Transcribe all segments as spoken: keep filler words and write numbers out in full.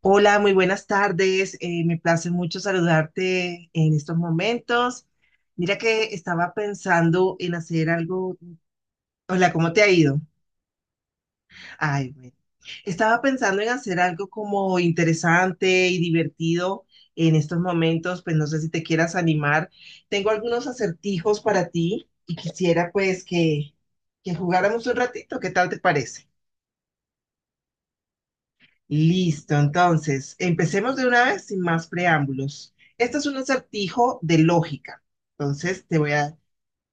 Hola, muy buenas tardes. Eh, me place mucho saludarte en estos momentos. Mira que estaba pensando en hacer algo. Hola, ¿cómo te ha ido? Ay, bueno. Estaba pensando en hacer algo como interesante y divertido en estos momentos, pues no sé si te quieras animar. Tengo algunos acertijos para ti y quisiera pues que, que jugáramos un ratito. ¿Qué tal te parece? Listo, entonces, empecemos de una vez sin más preámbulos. Esto es un acertijo de lógica. Entonces, te voy a...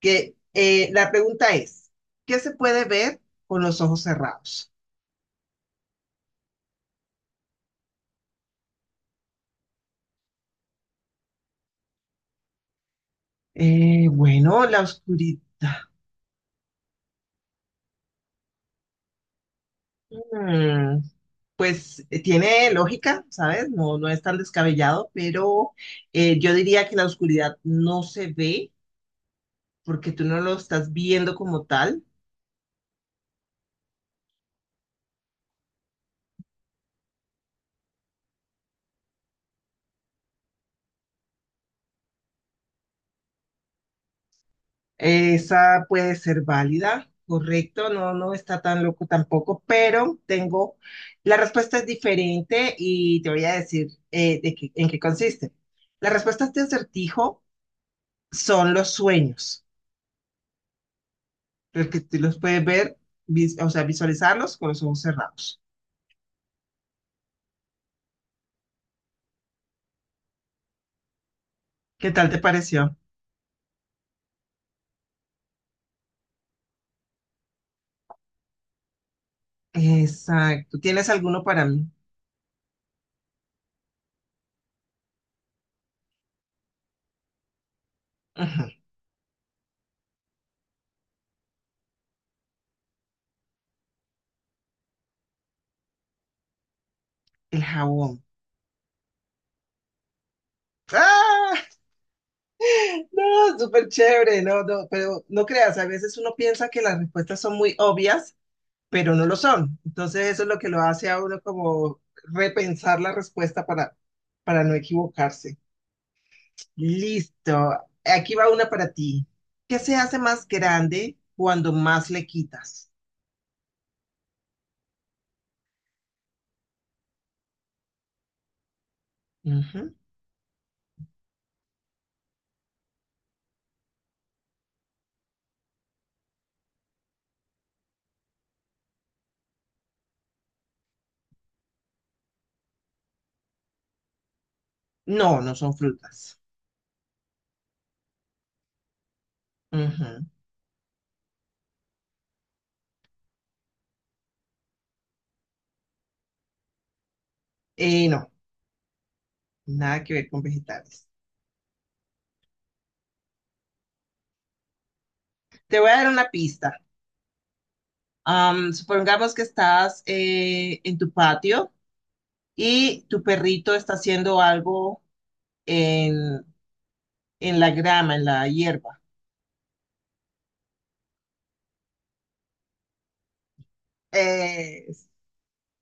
Que, eh, la pregunta es, ¿qué se puede ver con los ojos cerrados? Eh, bueno, la oscuridad. Mm, pues eh, tiene lógica, ¿sabes? No, no es tan descabellado, pero eh, yo diría que la oscuridad no se ve porque tú no lo estás viendo como tal. Esa puede ser válida, correcto, no, no está tan loco tampoco, pero tengo, la respuesta es diferente y te voy a decir eh, de qué- en qué consiste. Las respuestas de acertijo son los sueños, porque tú los puedes ver, vis- o sea, visualizarlos con los ojos cerrados. ¿Qué tal te pareció? Exacto. ¿Tienes alguno para mí? Ujú. El jabón. ¡Ah! No, súper chévere, no, no, pero no creas, a veces uno piensa que las respuestas son muy obvias pero no lo son. Entonces eso es lo que lo hace a uno como repensar la respuesta para, para no equivocarse. Listo, aquí va una para ti. ¿Qué se hace más grande cuando más le quitas? Ujú. No, no son frutas. Ujú. Eh, no, nada que ver con vegetales. Te voy a dar una pista. Am, supongamos que estás eh, en tu patio y tu perrito está haciendo algo en, en la grama, en la hierba. Es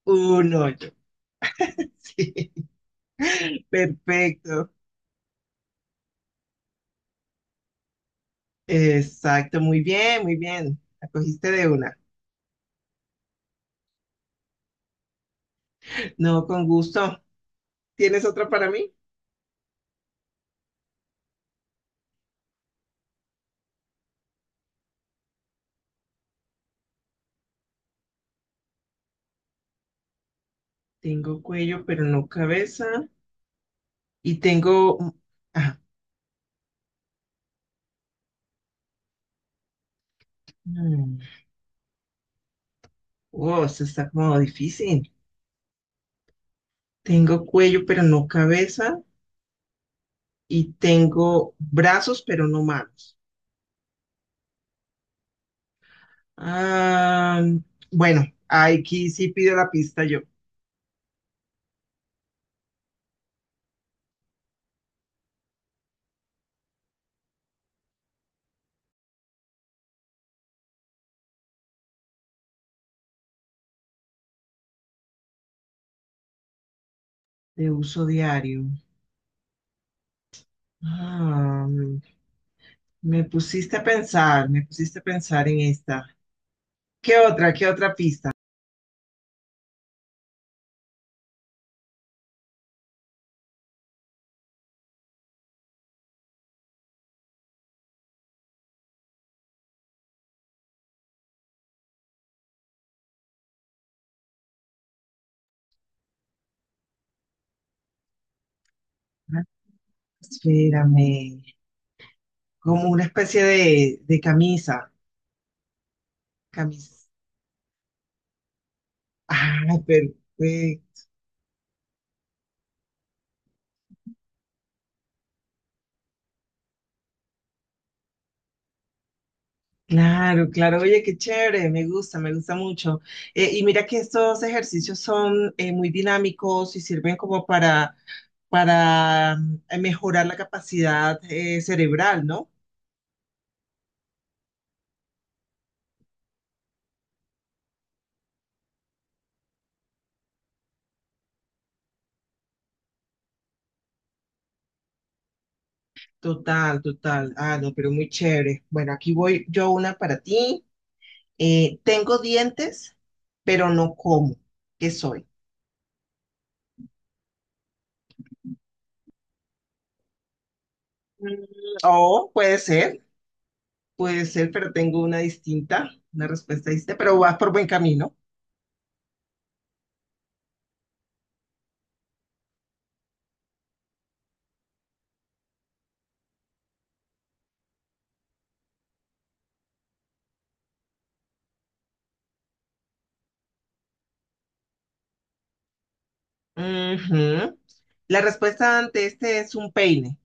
un hoyo. Sí. Perfecto. Exacto. Muy bien, muy bien. La cogiste de una. No, con gusto. ¿Tienes otra para mí? Tengo cuello, pero no cabeza. Y tengo... Ah, mm. Oh, esto está como difícil. Tengo cuello, pero no cabeza. Y tengo brazos, pero no manos. Ah, bueno, aquí sí pido la pista yo. De uso diario. Ah, me pusiste a pensar, me pusiste a pensar en esta. ¿Qué otra? ¿Qué otra pista? Ah, espérame. Como una especie de, de camisa. Camisa. Ah, perfecto. Claro, claro. Oye, qué chévere. Me gusta, me gusta mucho. Eh, y mira que estos ejercicios son eh, muy dinámicos y sirven como para, para mm, eh, mejorar la capacidad eh, cerebral, ¿no? Total, total. Ah, no, pero muy chévere. Bueno, aquí voy yo una para ti. Eh, tengo dientes, pero no como. ¿Qué soy? Mm, o puede ser, puede ser, pero tengo una distinta, una respuesta distinta, pero vas por buen camino. Ujú. La respuesta ante este es un peine,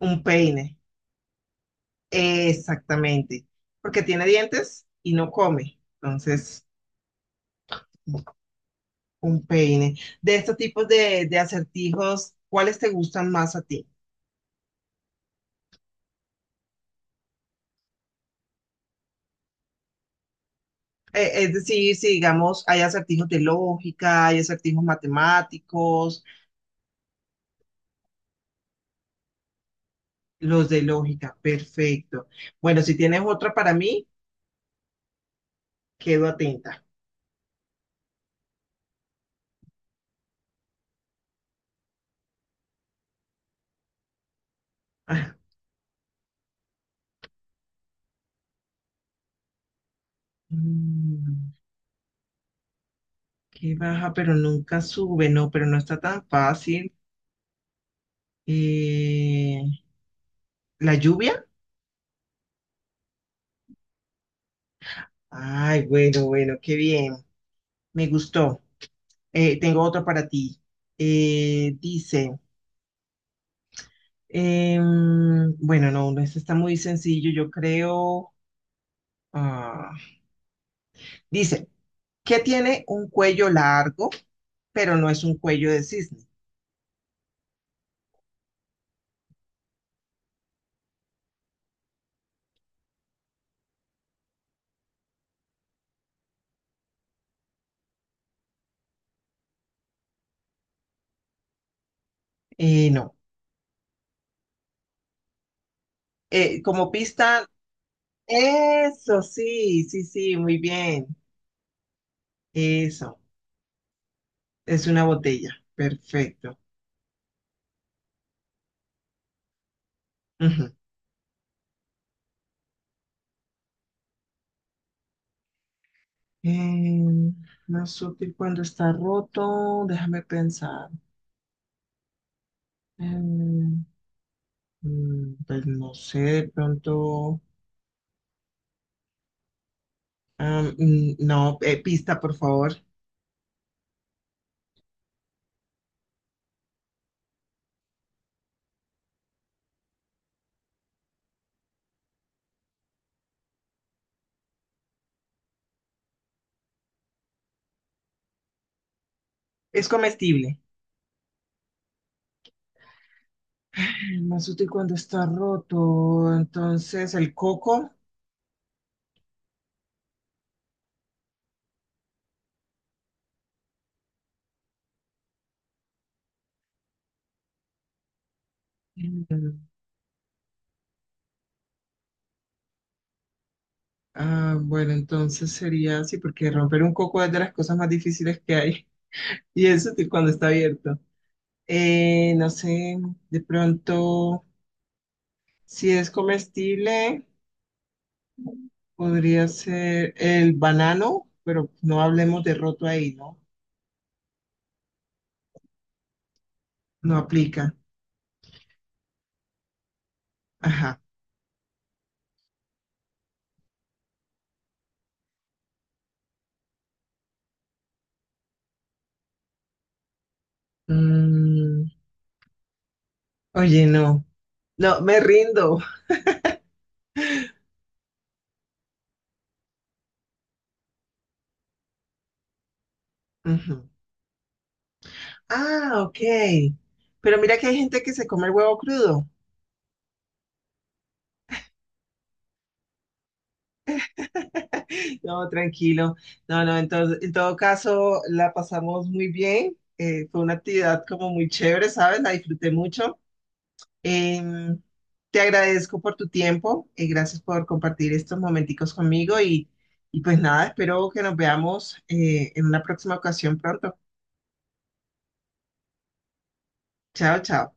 un peine, exactamente, porque tiene dientes y no come, entonces un peine. De estos tipos de, de acertijos, ¿cuáles te gustan más a ti? Eh, es decir, si digamos, hay acertijos de lógica, hay acertijos matemáticos, los de lógica, perfecto. Bueno, si tienes otra para mí, quedo atenta. Ah, mm. Que baja, pero nunca sube, no, pero no está tan fácil. Eh, ¿la lluvia? Ay, bueno, bueno, qué bien, me gustó. Eh, tengo otro para ti. Eh, dice, em, bueno, no, no, este está muy sencillo, yo creo. Ah, dice, que tiene un cuello largo, pero no es un cuello de cisne. Y no. Eh, como pista, eso, sí, sí, sí, muy bien. Eso, es una botella. Perfecto. Ujú. Eh, Más útil cuando está roto, déjame pensar. Eh, Mm, Pues no sé, de pronto. Am, mm, no, eh, pista, por favor. Es comestible. Ay, más útil cuando está roto. Entonces, el coco. Mm, ah, bueno, entonces sería así, porque romper un coco es de las cosas más difíciles que hay. Y es útil cuando está abierto. Eh, no sé, de pronto, si es comestible, podría ser el banano, pero no hablemos de roto ahí, ¿no? No aplica. Ajá. Mm, oye, no. No, me rindo. Ujú. Ah, ok. Pero mira que hay gente que se come el huevo crudo. No, tranquilo. No, no, entonces, en todo caso, la pasamos muy bien. Eh, fue una actividad como muy chévere, ¿sabes? La disfruté mucho. Em, Te agradezco por tu tiempo y gracias por compartir estos momenticos conmigo. Y y pues nada, espero que nos veamos eh, en una próxima ocasión pronto. Chao, chao.